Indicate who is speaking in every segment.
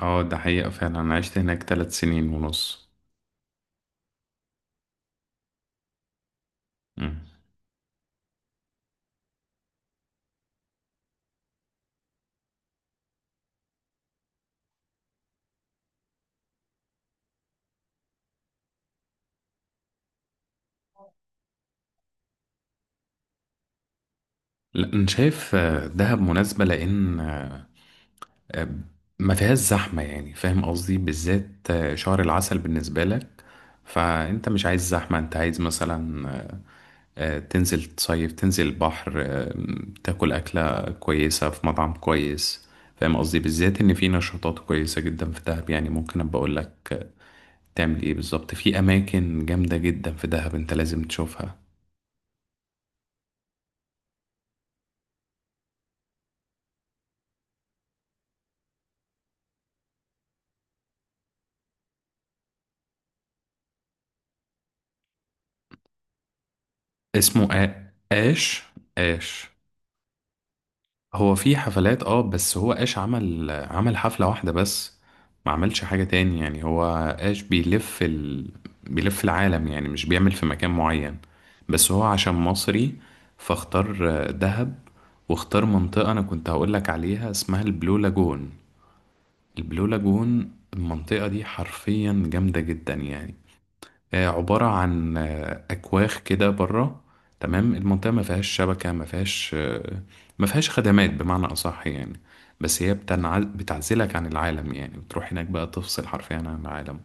Speaker 1: اه، ده حقيقة فعلا أنا عشت هناك 3 سنين ونص. مم. لا، أنا شايف دهب مناسبة لأن ما فيهاش زحمة. يعني فاهم قصدي بالذات شهر العسل بالنسبة لك. فأنت مش عايز زحمة، أنت عايز مثلا تنزل تصيف تنزل البحر، تاكل أكلة كويسة في مطعم كويس. فاهم قصدي بالذات إن في نشاطات كويسة جدا في دهب. يعني ممكن أبقى أقول لك تعمل إيه بالظبط في أماكن جامدة جدا في دهب. أنت لازم تشوفها. اسمه آش. آش، هو في حفلات، بس هو آش عمل حفلة واحدة بس. ما عملش حاجة تاني يعني. هو آش بيلف بيلف العالم يعني، مش بيعمل في مكان معين. بس هو عشان مصري فاختار دهب. واختار منطقة أنا كنت هقولك عليها، اسمها البلو لاجون. البلو لاجون المنطقة دي حرفيا جامدة جدا يعني. عبارة عن أكواخ كده بره. تمام. المنطقة ما فيهاش شبكة، ما فيهاش خدمات بمعنى أصح يعني. بس هي بتعزلك عن العالم. يعني بتروح هناك بقى تفصل حرفيا عن العالم.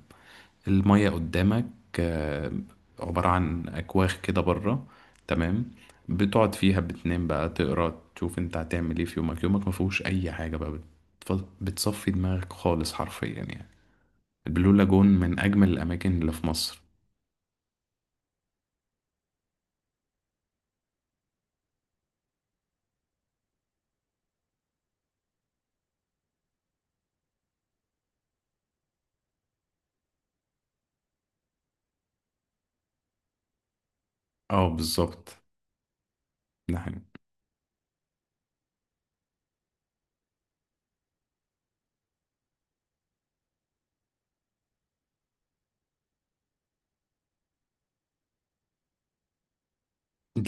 Speaker 1: المية قدامك. آه، عبارة عن أكواخ كده بره. تمام. بتقعد فيها بتنام بقى، تقرا، تشوف انت هتعمل ايه في يومك. يومك ما فيهوش أي حاجة بقى. بتصفي دماغك خالص حرفيا يعني. البلو لاجون من أجمل الأماكن اللي في مصر. اه، بالظبط. ده حقيقي.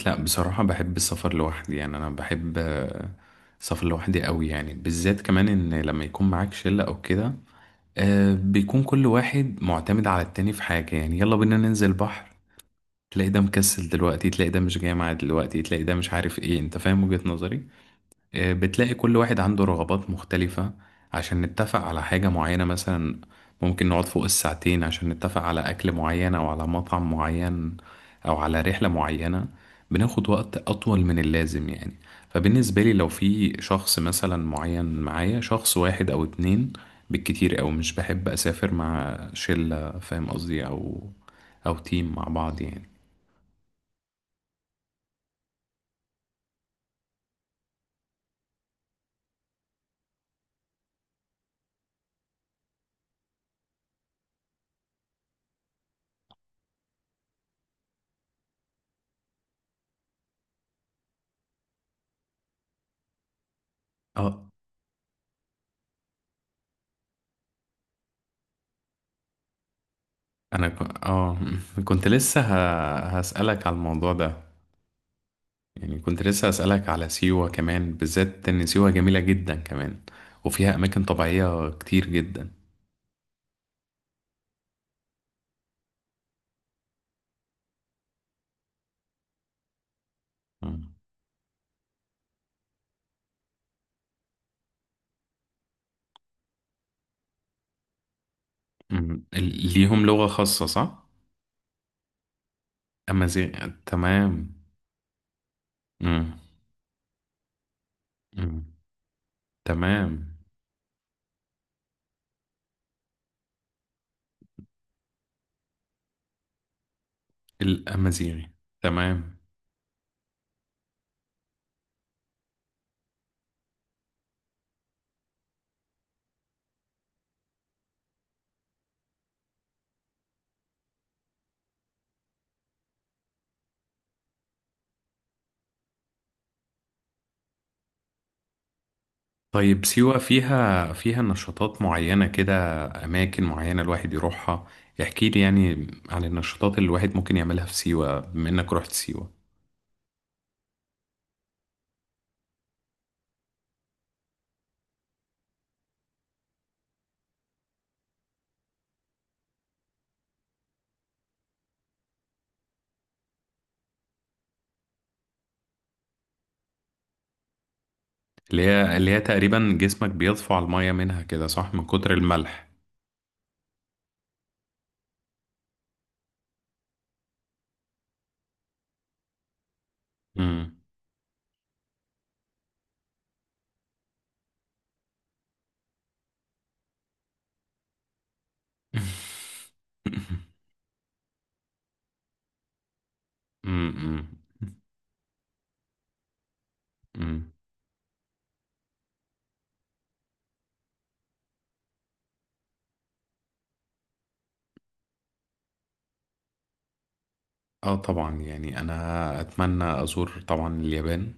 Speaker 1: لا، بصراحة بحب السفر لوحدي. يعني أنا بحب السفر لوحدي قوي. يعني بالذات كمان، إن لما يكون معاك شلة أو كده، بيكون كل واحد معتمد على التاني في حاجة. يعني يلا بينا ننزل بحر، تلاقي ده مكسل دلوقتي، تلاقي ده مش جاي معاه دلوقتي، تلاقي ده مش عارف ايه. انت فاهم وجهة نظري. بتلاقي كل واحد عنده رغبات مختلفة. عشان نتفق على حاجة معينة مثلا، ممكن نقعد فوق الساعتين عشان نتفق على أكل معين أو على مطعم معين أو على رحلة معينة. بناخد وقت أطول من اللازم يعني. فبالنسبة لي، لو في شخص مثلا معين معايا، شخص واحد أو اتنين بالكتير، أو مش بحب أسافر مع شلة. فاهم قصدي؟ أو تيم مع بعض يعني. اه، أنا ك... اه كنت لسه هسألك على الموضوع ده. يعني كنت لسه أسألك على سيوة كمان، بالذات إن سيوة جميلة جدا كمان وفيها أماكن طبيعية كتير جدا. مم. مم. ليهم لغة خاصة صح؟ أمازيغ، تمام. مم. مم. تمام. الأمازيغي، تمام. طيب، سيوة فيها نشاطات معينة كده، أماكن معينة الواحد يروحها. احكي لي يعني عن النشاطات اللي الواحد ممكن يعملها في سيوة، بما إنك رحت سيوة. اللي هي تقريبا جسمك بيطفو على المية منها كده، صح؟ من كتر الملح. امم. امم. امم. اه، طبعا. يعني انا اتمنى ازور طبعا اليابان.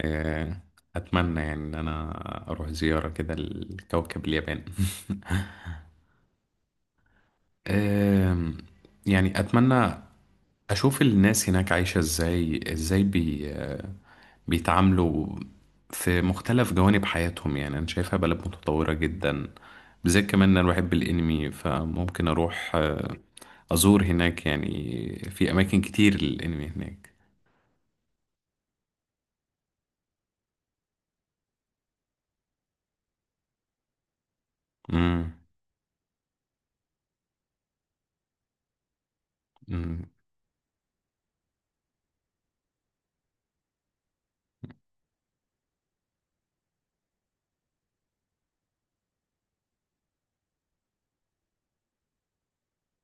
Speaker 1: آه، اتمنى يعني ان انا اروح زيارة كده لكوكب اليابان. آم، يعني اتمنى اشوف الناس هناك عايشة ازاي، ازاي بيتعاملوا في مختلف جوانب حياتهم. يعني انا شايفها بلد متطورة جدا، بالذات كمان انا بحب الانمي. فممكن اروح ازور هناك. يعني في اماكن كتير للانمي هناك. امم. أمم.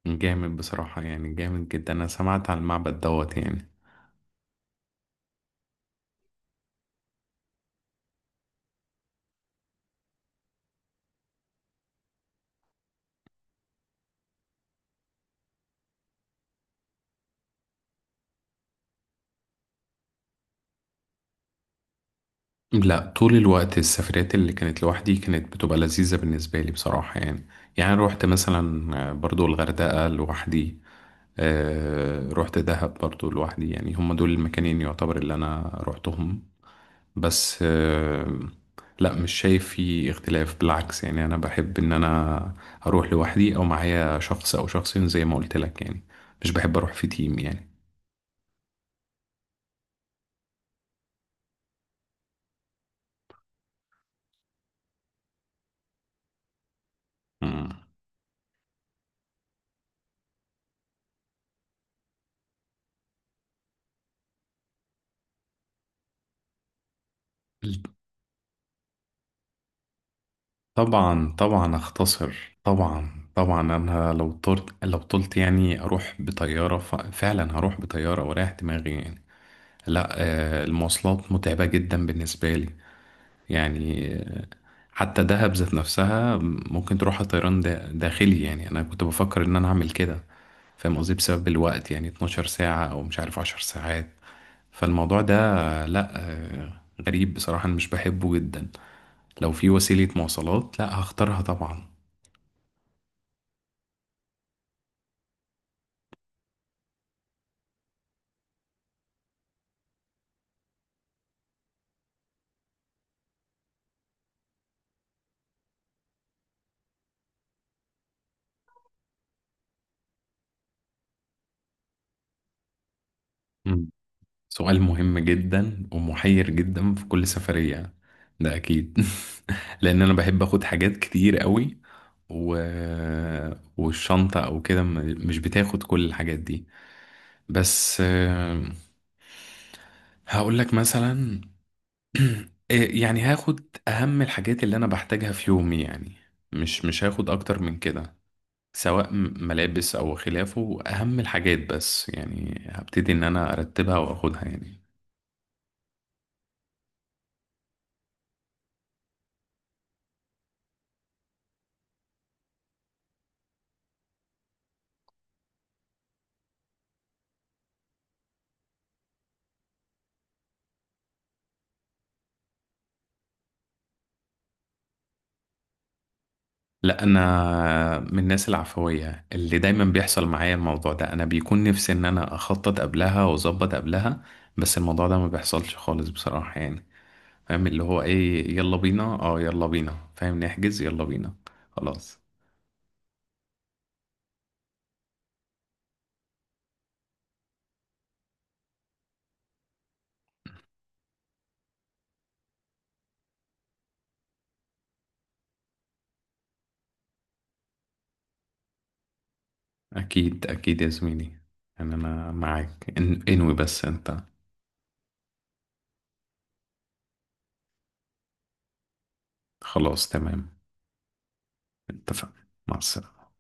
Speaker 1: جامد بصراحة، يعني جامد جدا. انا سمعت عن المعبد دوت يعني. لا، طول الوقت السفريات اللي كانت لوحدي كانت بتبقى لذيذة بالنسبة لي بصراحة يعني. يعني روحت مثلا برضو الغردقة لوحدي. روحت دهب برضو لوحدي. يعني هم دول المكانين يعتبر اللي انا روحتهم. بس لا، مش شايف في اختلاف. بالعكس، يعني انا بحب ان انا اروح لوحدي او معايا شخص او شخصين، زي ما قلت لك يعني. مش بحب اروح في تيم يعني. مم. طبعا طبعا، اختصر. طبعا طبعا، انا لو طرت لو طلت، يعني اروح بطياره. فعلا هروح بطياره واريح دماغي يعني. لا، المواصلات متعبه جدا بالنسبه لي يعني. حتى دهب ذات نفسها ممكن تروحها طيران داخلي. يعني انا كنت بفكر ان انا اعمل كده. فاهم قصدي؟ بسبب الوقت يعني 12 ساعة او مش عارف 10 ساعات. فالموضوع ده، لا، غريب بصراحة. انا مش بحبه جدا. لو في وسيلة مواصلات، لا هختارها طبعا. سؤال مهم جدا ومحير جدا في كل سفرية، ده أكيد. لأن أنا بحب أخد حاجات كتير قوي. و... والشنطة أو كده مش بتاخد كل الحاجات دي. بس، هقول لك مثلا. إيه، يعني هاخد أهم الحاجات اللي أنا بحتاجها في يومي يعني. مش هاخد أكتر من كده، سواء ملابس أو خلافه. أهم الحاجات، بس يعني هبتدي إن أنا أرتبها وأخدها يعني. لا، انا من الناس العفويه اللي دايما بيحصل معايا الموضوع ده. انا بيكون نفسي ان انا اخطط قبلها واظبط قبلها، بس الموضوع ده ما بيحصلش خالص بصراحه يعني. فاهم اللي هو ايه؟ يلا بينا، يلا بينا فاهم، نحجز، يلا بينا. خلاص. اكيد اكيد يا زميلي. يعني انا معاك، انوي، بس انت. خلاص، تمام. اتفقنا. مع السلامه.